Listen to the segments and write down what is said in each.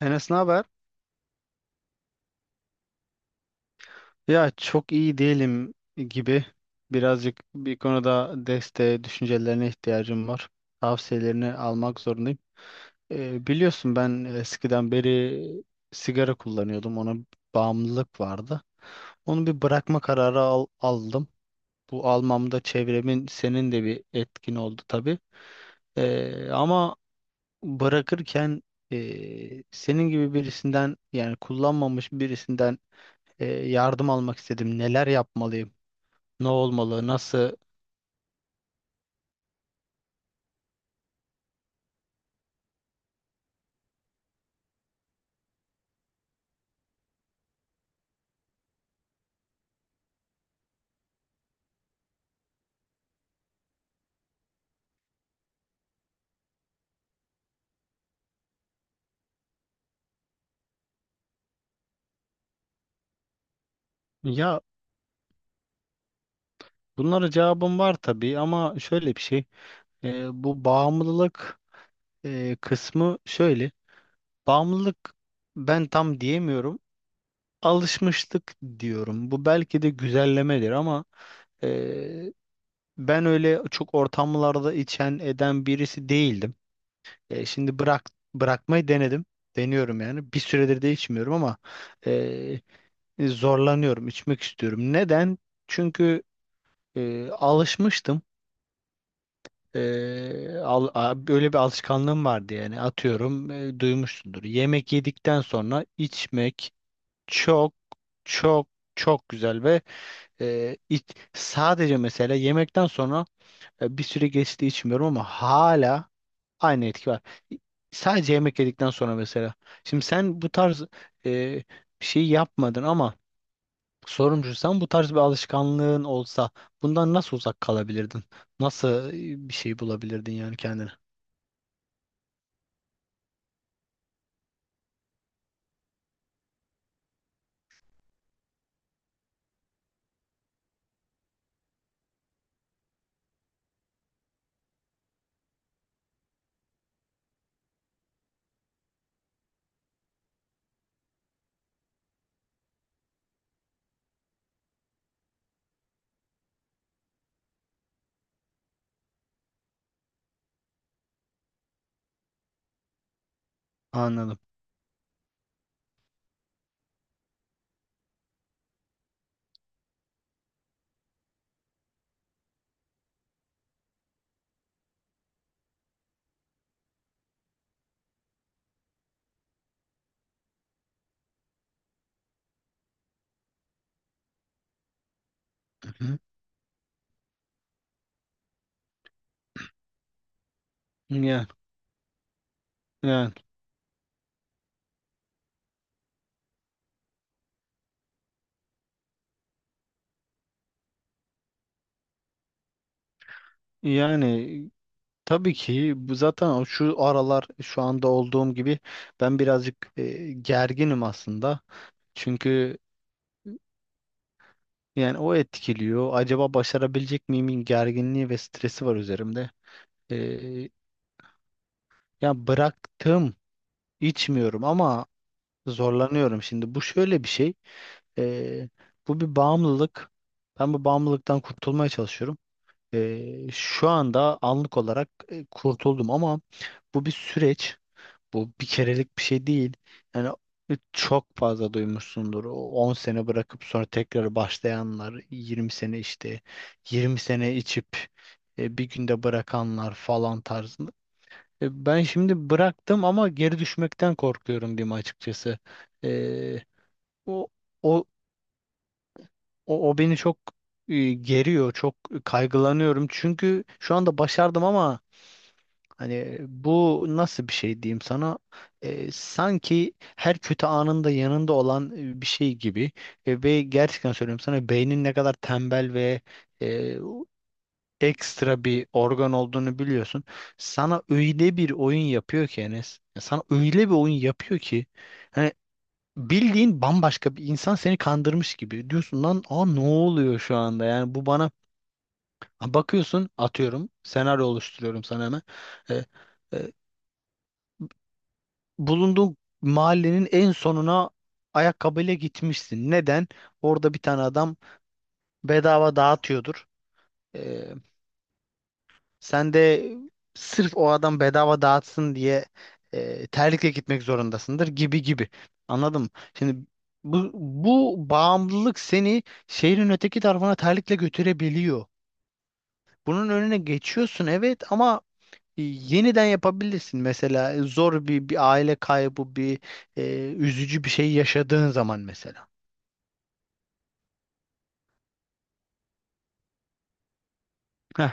Enes ne haber? Ya çok iyi değilim gibi. Birazcık bir konuda desteğe, düşüncelerine ihtiyacım var. Tavsiyelerini almak zorundayım. Biliyorsun ben eskiden beri sigara kullanıyordum. Ona bağımlılık vardı. Onu bir bırakma kararı aldım. Bu almamda çevremin senin de bir etkin oldu tabii. Ama bırakırken senin gibi birisinden yani kullanmamış birisinden yardım almak istedim. Neler yapmalıyım? Ne olmalı? Nasıl? Ya bunlara cevabım var tabii ama şöyle bir şey. Bu bağımlılık kısmı şöyle. Bağımlılık ben tam diyemiyorum. Alışmışlık diyorum. Bu belki de güzellemedir ama e, ben öyle çok ortamlarda içen eden birisi değildim. Şimdi bırak bırakmayı denedim. Deniyorum yani. Bir süredir de içmiyorum ama e, zorlanıyorum, içmek istiyorum. Neden? Çünkü alışmıştım. Böyle bir alışkanlığım vardı yani atıyorum, duymuşsundur. Yemek yedikten sonra içmek çok çok çok güzel ve sadece mesela yemekten sonra, bir süre geçti, içmiyorum ama hala aynı etki var. Sadece yemek yedikten sonra mesela. Şimdi sen bu tarz e, bir şey yapmadın ama sorumcu sen bu tarz bir alışkanlığın olsa bundan nasıl uzak kalabilirdin? Nasıl bir şey bulabilirdin yani kendine? Anladım. Hı hı. Yani, yani, yani tabii ki bu zaten o şu aralar şu anda olduğum gibi ben birazcık gerginim aslında. Çünkü yani o etkiliyor. Acaba başarabilecek miyimin gerginliği ve stresi var üzerimde. E, ya bıraktım, içmiyorum ama zorlanıyorum. Şimdi bu şöyle bir şey. Ee, bu bir bağımlılık. Ben bu bağımlılıktan kurtulmaya çalışıyorum. Şu anda anlık olarak kurtuldum ama bu bir süreç. Bu bir kerelik bir şey değil. Yani çok fazla duymuşsundur. O 10 sene bırakıp sonra tekrar başlayanlar, 20 sene işte, 20 sene içip bir günde bırakanlar falan tarzında. Ben şimdi bıraktım ama geri düşmekten korkuyorum diyeyim açıkçası. Ee, o o o beni çok geriyor, çok kaygılanıyorum. Çünkü şu anda başardım ama hani bu nasıl bir şey diyeyim sana? Sanki her kötü anında yanında olan bir şey gibi. Ve gerçekten söylüyorum sana, beynin ne kadar tembel ve e, ekstra bir organ olduğunu biliyorsun. Sana öyle bir oyun yapıyor ki Enes. Sana öyle bir oyun yapıyor ki. Hani bildiğin bambaşka bir insan seni kandırmış gibi. Diyorsun lan, aa, ne oluyor şu anda? Yani bu bana. Ha, bakıyorsun atıyorum, senaryo oluşturuyorum sana hemen. Ee, e, bulunduğun mahallenin en sonuna ayakkabıyla gitmişsin. Neden? Orada bir tane adam bedava dağıtıyordur. E, Sen de sırf o adam bedava dağıtsın diye terlikle gitmek zorundasındır gibi gibi. Anladım. Şimdi bu bağımlılık seni şehrin öteki tarafına terlikle götürebiliyor. Bunun önüne geçiyorsun, evet, ama yeniden yapabilirsin. Mesela zor bir aile kaybı, bir üzücü bir şey yaşadığın zaman mesela. Heh.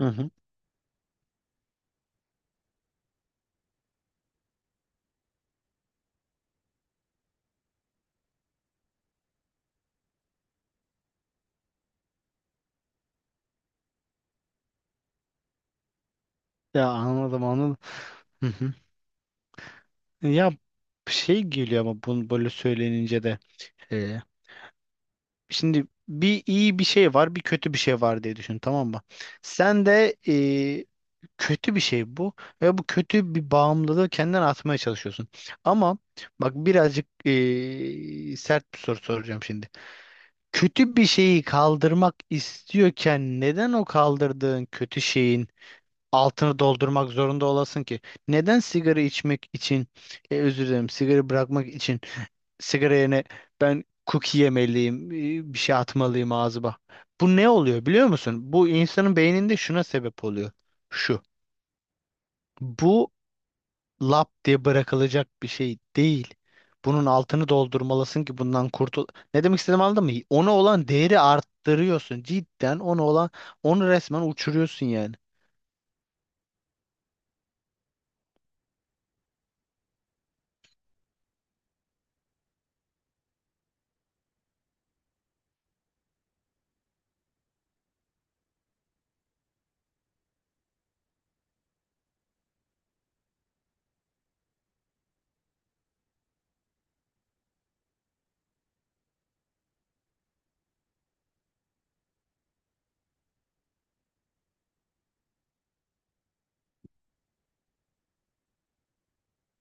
Hı hı. Ya anladım anladım. Hı hı. Ya şey geliyor ama bunu böyle söylenince de. E, Şimdi bir iyi bir şey var, bir kötü bir şey var diye düşün, tamam mı? Sen de kötü bir şey bu ve bu kötü bir bağımlılığı kendine atmaya çalışıyorsun. Ama bak, birazcık sert bir soru soracağım şimdi. Kötü bir şeyi kaldırmak istiyorken neden o kaldırdığın kötü şeyin altını doldurmak zorunda olasın ki? Neden sigara içmek için, özür dilerim, sigara bırakmak için sigara yerine ben cookie yemeliyim, bir şey atmalıyım ağzıma? Bu ne oluyor biliyor musun? Bu insanın beyninde şuna sebep oluyor. Şu. Bu lap diye bırakılacak bir şey değil. Bunun altını doldurmalısın ki bundan kurtul. Ne demek istediğimi anladın mı? Ona olan değeri arttırıyorsun. Cidden ona olan onu resmen uçuruyorsun yani.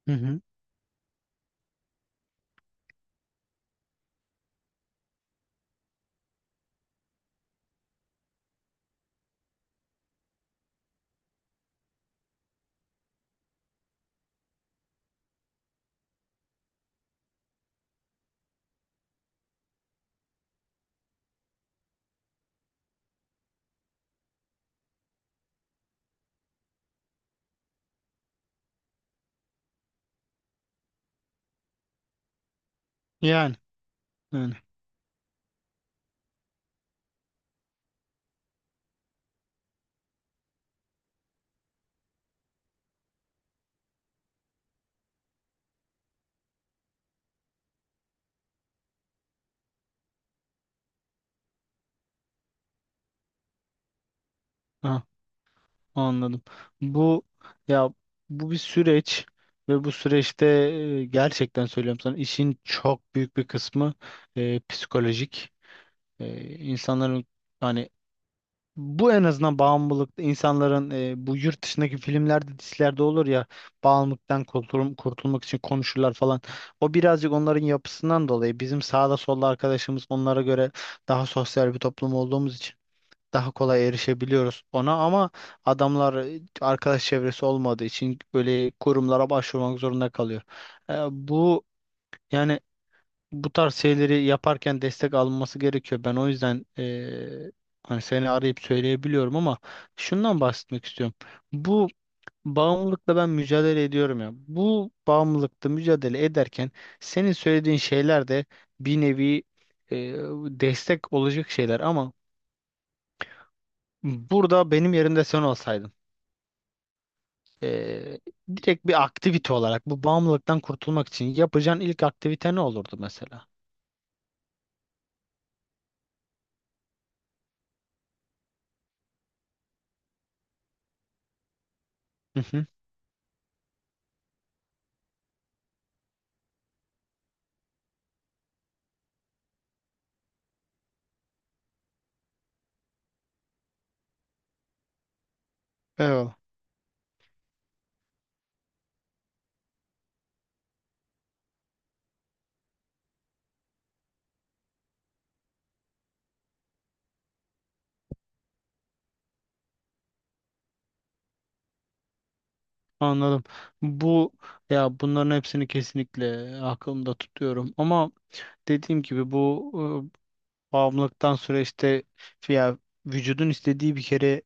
Hı hı. Yani. Yani. Anladım. Bu ya bu bir süreç ve bu süreçte gerçekten söylüyorum sana, işin çok büyük bir kısmı psikolojik. İnsanların, hani, bu, en azından bağımlılıkta, insanların, bu yurt dışındaki filmlerde dizilerde olur ya, bağımlılıktan kurtulmak için konuşurlar falan. O birazcık onların yapısından dolayı, bizim sağda solda arkadaşımız onlara göre daha sosyal bir toplum olduğumuz için daha kolay erişebiliyoruz ona, ama adamlar arkadaş çevresi olmadığı için böyle kurumlara başvurmak zorunda kalıyor. E, bu yani bu tarz şeyleri yaparken destek alınması gerekiyor. Ben o yüzden, hani, seni arayıp söyleyebiliyorum ama şundan bahsetmek istiyorum. Bu bağımlılıkla ben mücadele ediyorum ya. Bu bağımlılıkla mücadele ederken senin söylediğin şeyler de bir nevi e, destek olacak şeyler, ama burada benim yerimde sen olsaydın, Ee, direkt bir aktivite olarak bu bağımlılıktan kurtulmak için yapacağın ilk aktivite ne olurdu mesela? Hı hı. Eyvallah. Anladım. Bu ya bunların hepsini kesinlikle aklımda tutuyorum ama dediğim gibi bu bağımlılıktan süreçte, ya, vücudun istediği bir kere,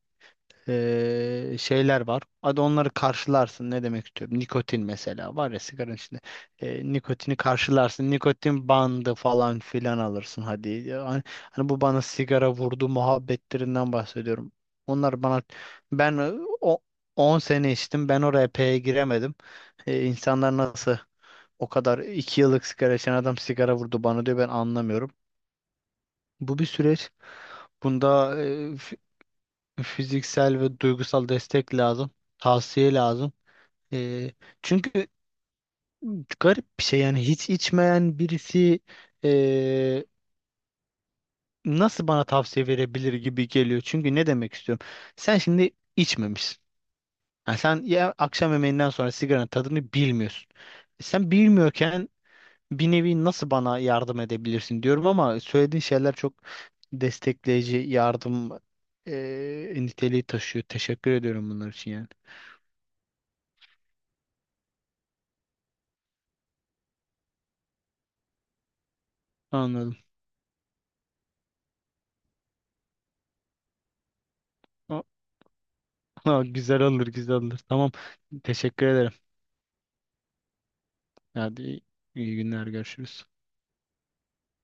şeyler var. Hadi onları karşılarsın. Ne demek istiyorum? Nikotin mesela var ya sigaranın içinde. Nikotini karşılarsın. Nikotin bandı falan filan alırsın hadi. Yani, hani, bu bana sigara vurdu muhabbetlerinden bahsediyorum. Onlar bana ben e, o 10 sene içtim. Ben oraya P'ye giremedim. İnsanlar nasıl o kadar 2 yıllık sigara içen adam sigara vurdu bana diyor, ben anlamıyorum. Bu bir süreç. Bunda fiziksel ve duygusal destek lazım. Tavsiye lazım. Ee, çünkü garip bir şey, yani hiç içmeyen birisi ee, nasıl bana tavsiye verebilir gibi geliyor. Çünkü ne demek istiyorum? Sen şimdi içmemişsin. Yani sen ya akşam yemeğinden sonra sigaranın tadını bilmiyorsun. Sen bilmiyorken bir nevi nasıl bana yardım edebilirsin diyorum, ama söylediğin şeyler çok destekleyici, yardım niteliği taşıyor. Teşekkür ediyorum bunlar için yani. Anladım. Ha, güzel olur güzel olur. Tamam. Teşekkür ederim. Hadi, iyi günler, görüşürüz.